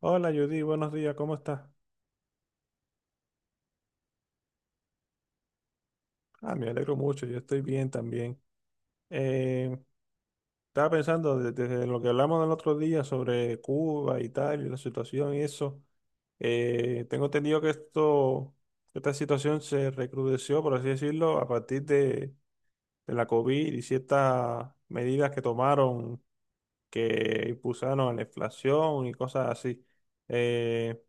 Hola Judy, buenos días, ¿cómo estás? Ah, me alegro mucho, yo estoy bien también. Eh, desde lo que hablamos el otro día sobre Cuba y tal, y la situación y eso. Tengo entendido que esta situación se recrudeció, por así decirlo, de la COVID y ciertas medidas que tomaron que impulsaron a la inflación y cosas así. Eh,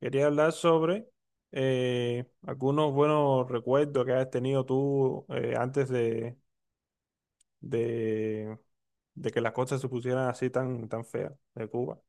Quería hablar sobre algunos buenos recuerdos que has tenido tú, de, de que las cosas se pusieran así tan feas de Cuba.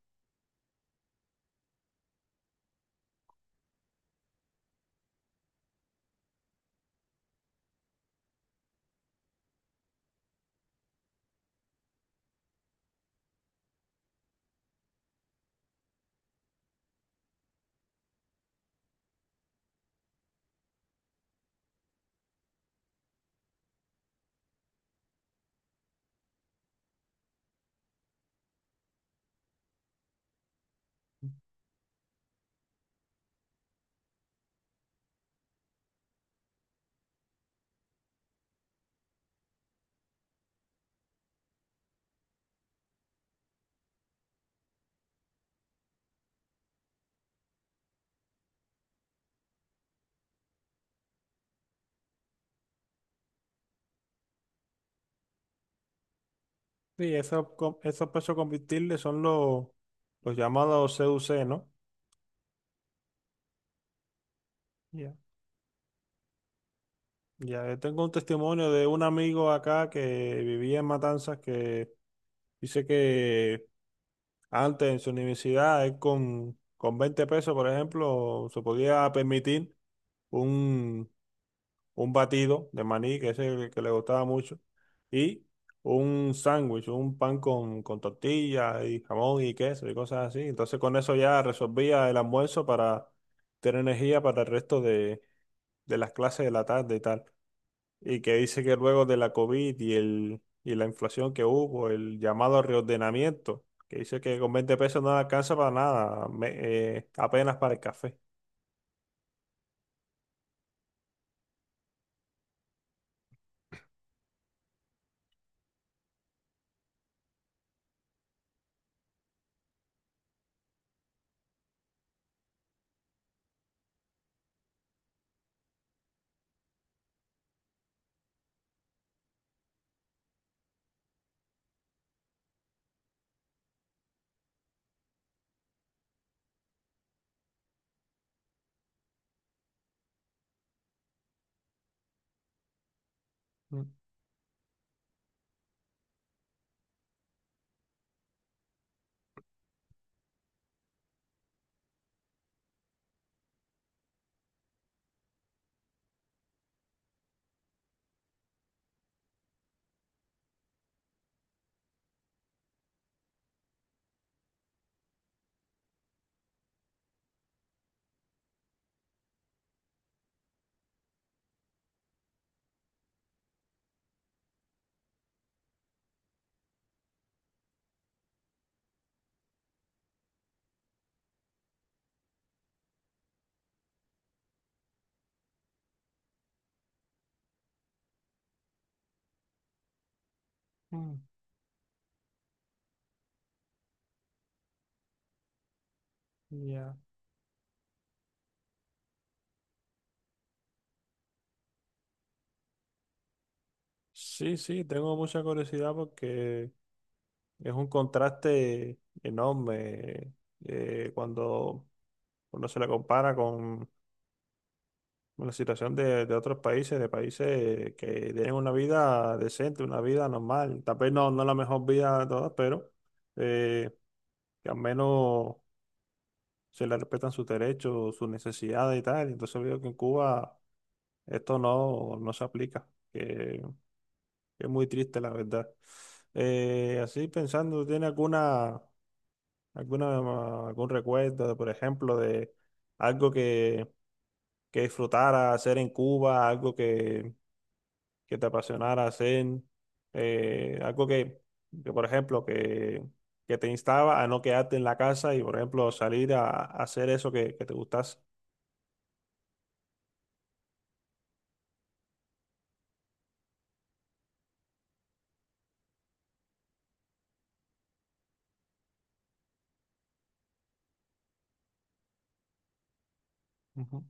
Sí, esos pesos convertibles son los llamados CUC, ¿no? Ya. Ya, yo tengo un testimonio de un amigo acá que vivía en Matanzas que dice que antes en su universidad él con 20 pesos, por ejemplo, se podía permitir un, un batido de maní, que es el que le gustaba mucho, y un sándwich, un pan con tortilla y jamón y queso y cosas así. Entonces con eso ya resolvía el almuerzo para tener energía para el resto de las clases de la tarde y tal. Y que dice que luego de la COVID y la inflación que hubo, el llamado reordenamiento, que dice que con 20 pesos no alcanza para nada, apenas para el café. Mm, mm, ya. Sí, sí, tengo mucha curiosidad porque es un contraste enorme, eh, cuando, cuando se la compara con la situación de otros países, de países que tienen una vida decente, una vida normal. Tal vez no la mejor vida de todas, pero eh, que al menos se le respetan sus derechos, sus necesidades y tal. Entonces veo que en Cuba esto no, no se aplica. Es muy triste, la verdad. Así pensando, ¿tiene algún recuerdo, por ejemplo, de algo que, que disfrutara hacer en Cuba, que te apasionara hacer, algo que, por ejemplo, que te instaba a no quedarte en la casa y, por ejemplo, salir a hacer eso que te gustase? Ujú.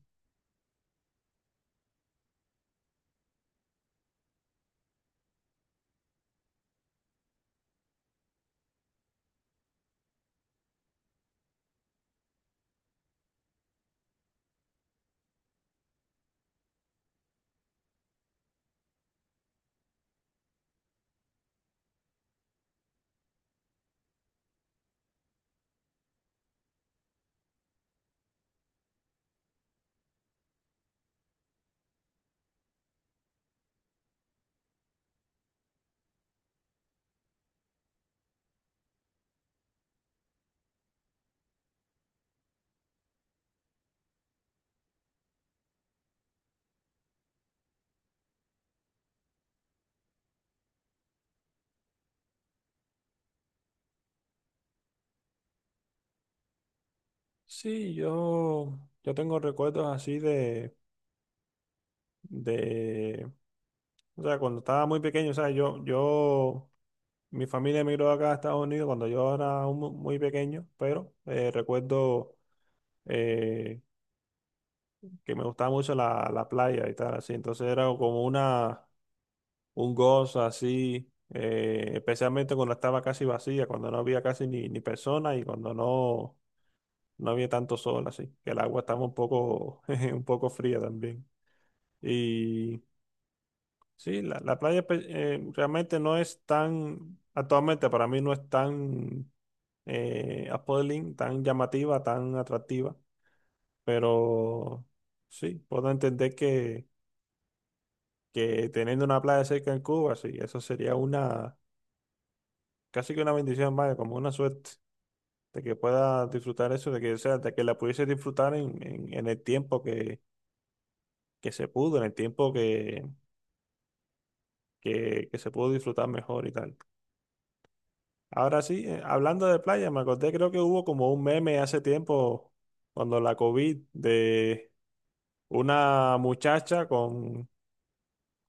Sí, yo tengo recuerdos así de. O sea, cuando estaba muy pequeño, o sea, mi familia emigró acá a Estados Unidos cuando yo era un muy pequeño, pero recuerdo eh, que me gustaba mucho la playa y tal, así. Entonces era como una, un gozo así, especialmente cuando estaba casi vacía, cuando no había casi ni persona y cuando no, no había tanto sol, así, que el agua estaba un poco, un poco fría también. Sí, la playa pues, realmente no es actualmente para mí no es tan appealing, tan llamativa, tan atractiva, pero sí, puedo entender que teniendo una playa cerca en Cuba, sí, eso sería una, casi que una bendición, vaya, como una suerte, de que pueda disfrutar eso, de que, o sea, de que la pudiese disfrutar en el tiempo que se pudo, en el tiempo que se pudo disfrutar mejor y tal. Ahora sí, hablando de playa, me acordé, creo que hubo como un meme hace tiempo, cuando la COVID, de una muchacha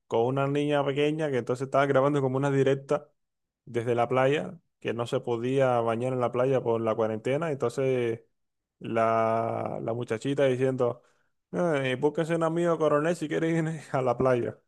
con una niña pequeña que entonces estaba grabando como una directa desde la playa, que no se podía bañar en la playa por la cuarentena, entonces la muchachita diciendo, búsquese un amigo coronel si quiere ir a la playa.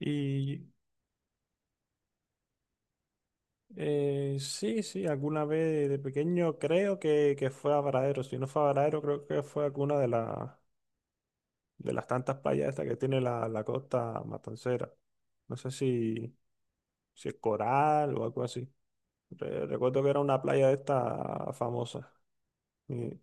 Y sí, sí, alguna vez de pequeño creo que fue a Varadero. Si no fue a Varadero, creo que fue alguna de las tantas playas estas que tiene la costa matancera. No sé si es Coral o algo así. Recuerdo que era una playa de esta famosa. Y,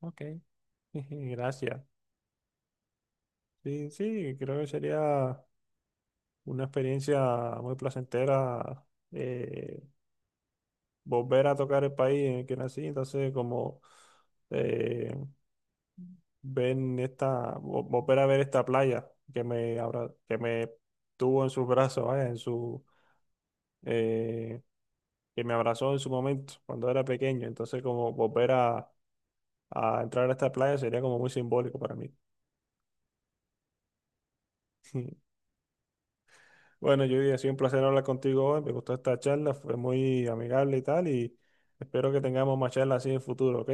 ok, gracias. Sí, sí, creo que sería una experiencia muy placentera, eh, volver a tocar el país en el que nací. Entonces, como... eh, volver a ver esta playa que me tuvo en sus brazos, vaya, en su, eh, que me abrazó en su momento cuando era pequeño. Entonces, como volver a entrar a esta playa sería como muy simbólico para mí. Bueno, Judy, ha sido un placer hablar contigo hoy. Me gustó esta charla, fue muy amigable y tal, y espero que tengamos más charlas así en el futuro, ¿ok?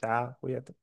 Chao, cuídate.